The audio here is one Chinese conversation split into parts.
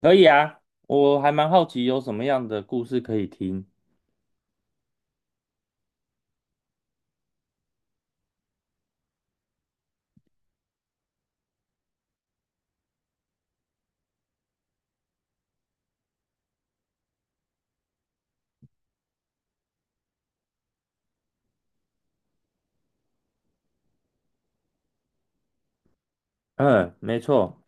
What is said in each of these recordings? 可以啊，我还蛮好奇有什么样的故事可以听。嗯，没错。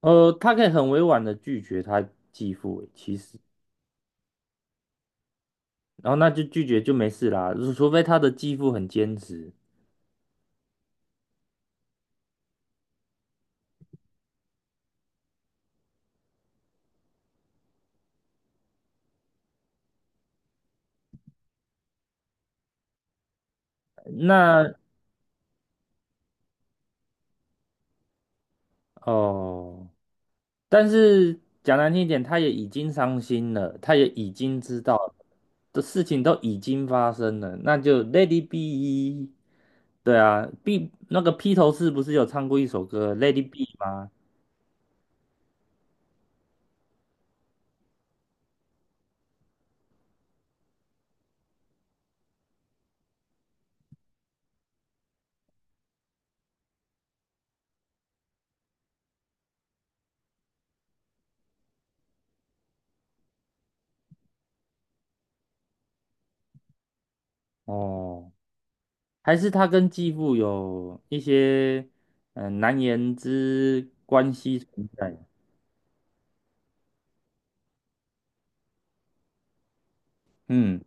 他可以很委婉的拒绝他继父，欸其实，然后那就拒绝就没事啦，除非他的继父很坚持。那哦，但是讲难听一点，他也已经伤心了，他也已经知道了的事情都已经发生了，那就 l a d y be。对啊，B 那个披头士不是有唱过一首歌《l a d y be》吗？哦。还是他跟继父有一些难言之关系存在？嗯，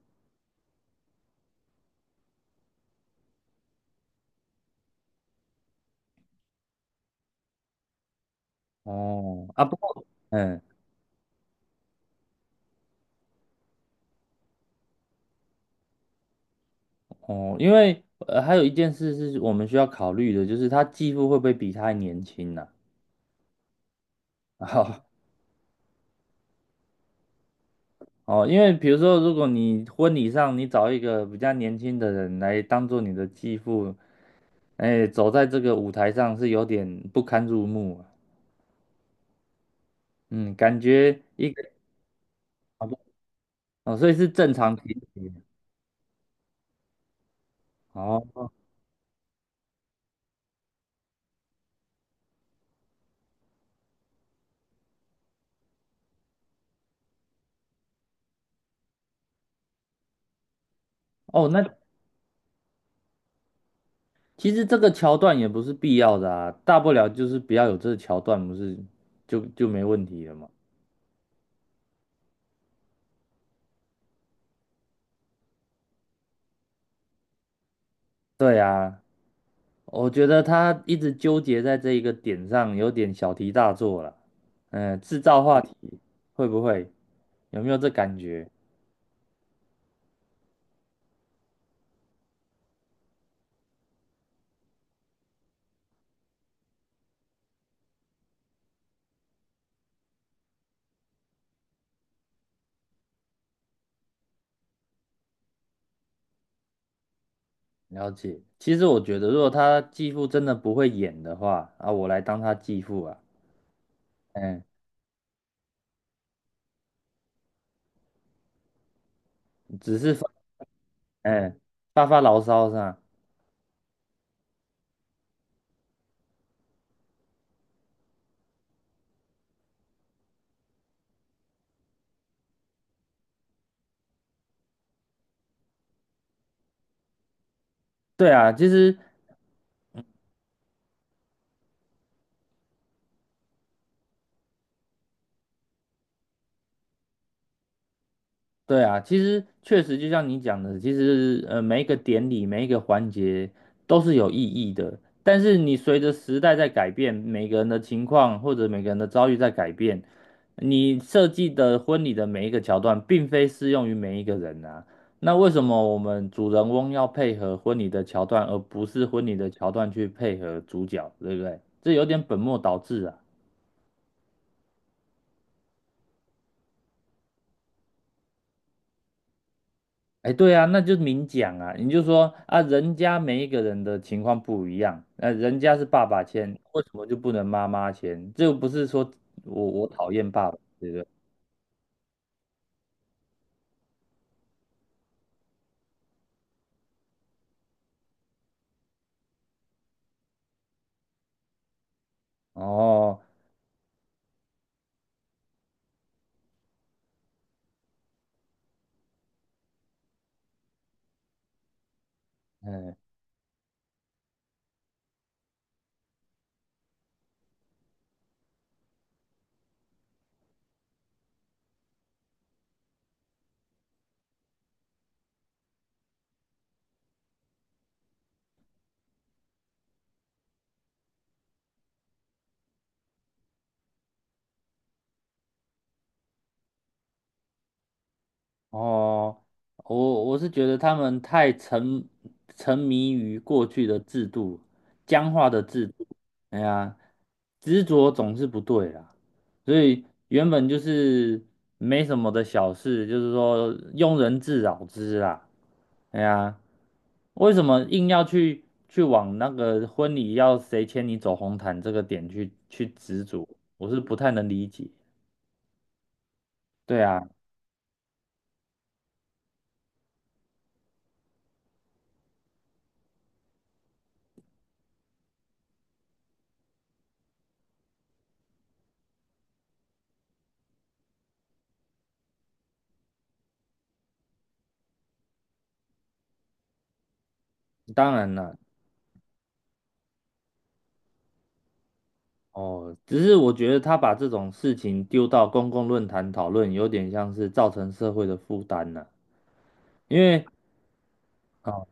哦，啊，不过，嗯，哦，因为还有一件事是我们需要考虑的，就是他继父会不会比他还年轻呢？哦哦，因为比如说，如果你婚礼上你找一个比较年轻的人来当做你的继父，哎，走在这个舞台上是有点不堪入目啊。嗯，感觉一个哦，所以是正常情节。哦哦，那其实这个桥段也不是必要的啊，大不了就是不要有这个桥段，不是就没问题了嘛？对啊，我觉得他一直纠结在这一个点上，有点小题大做了。嗯，制造话题会不会有没有这感觉？了解。其实我觉得，如果他继父真的不会演的话，啊，我来当他继父啊。嗯，只是发嗯发牢骚是吧？对啊，其实对啊，其实确实就像你讲的，其实每一个典礼每一个环节都是有意义的，但是你随着时代在改变，每个人的情况或者每个人的遭遇在改变，你设计的婚礼的每一个桥段并非适用于每一个人啊。那为什么我们主人翁要配合婚礼的桥段，而不是婚礼的桥段去配合主角，对不对？这有点本末倒置啊。哎，对啊，那就明讲啊，你就说啊，人家每一个人的情况不一样，那、人家是爸爸签，为什么就不能妈妈签？这又不是说我讨厌爸爸，对不对？哦，嗯，哦，我是觉得他们太沉迷于过去的制度，僵化的制度，哎呀，执着总是不对啦。所以原本就是没什么的小事，就是说庸人自扰之啦，哎呀。为什么硬要去往那个婚礼要谁牵你走红毯这个点去执着？我是不太能理解。对啊，当然了，哦，只是我觉得他把这种事情丢到公共论坛讨论，有点像是造成社会的负担了。因为哦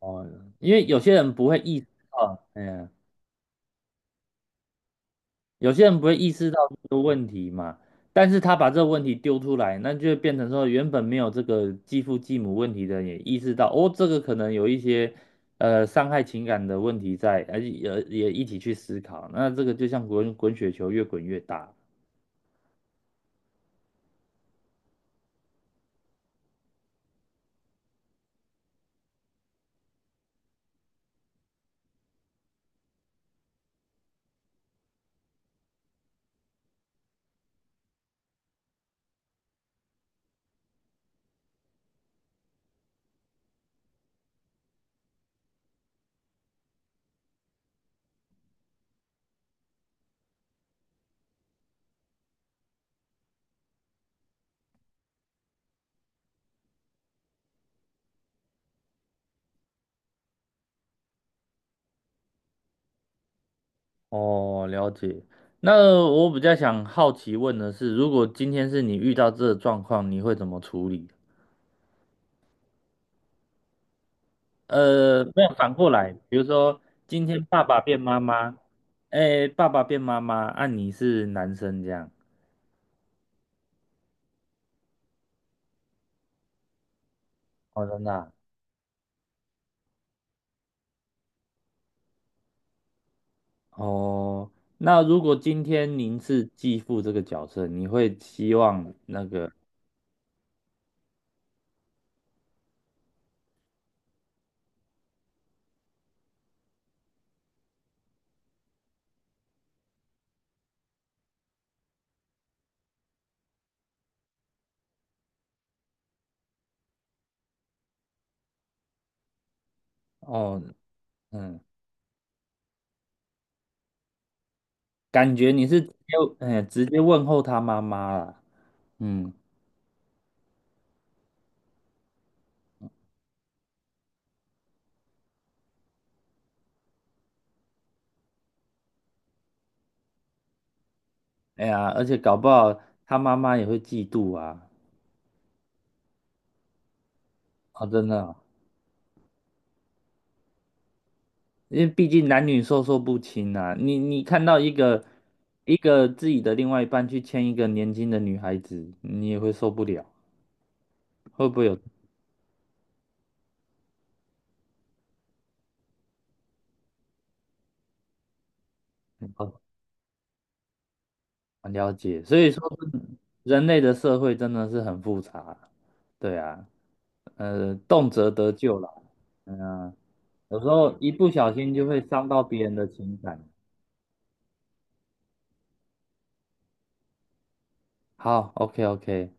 哦，因为有些人不会意识到，哎呀，有些人不会意识到这个问题嘛，但是他把这个问题丢出来，那就会变成说，原本没有这个继父继母问题的人也意识到，哦，这个可能有一些伤害情感的问题在，而且也一起去思考，那这个就像滚滚雪球越滚越大。哦，了解。那我比较想好奇问的是，如果今天是你遇到这个状况，你会怎么处理？没有反过来，比如说今天爸爸变妈妈，哎，爸爸变妈妈，啊，你是男生这样，哦，真的啊。哦，那如果今天您是继父这个角色，你会希望那个，哦，嗯，感觉你是直接，哎，直接问候他妈妈啦，嗯，哎呀，而且搞不好他妈妈也会嫉妒啊，哦，真的啊。因为毕竟男女授受不亲啊，你看到一个一个自己的另外一半去牵一个年轻的女孩子，你也会受不了，会不会有？哦，很了解，所以说人类的社会真的是很复杂，对啊，动辄得咎啦，嗯、啊有时候一不小心就会伤到别人的情感。好，OK OK。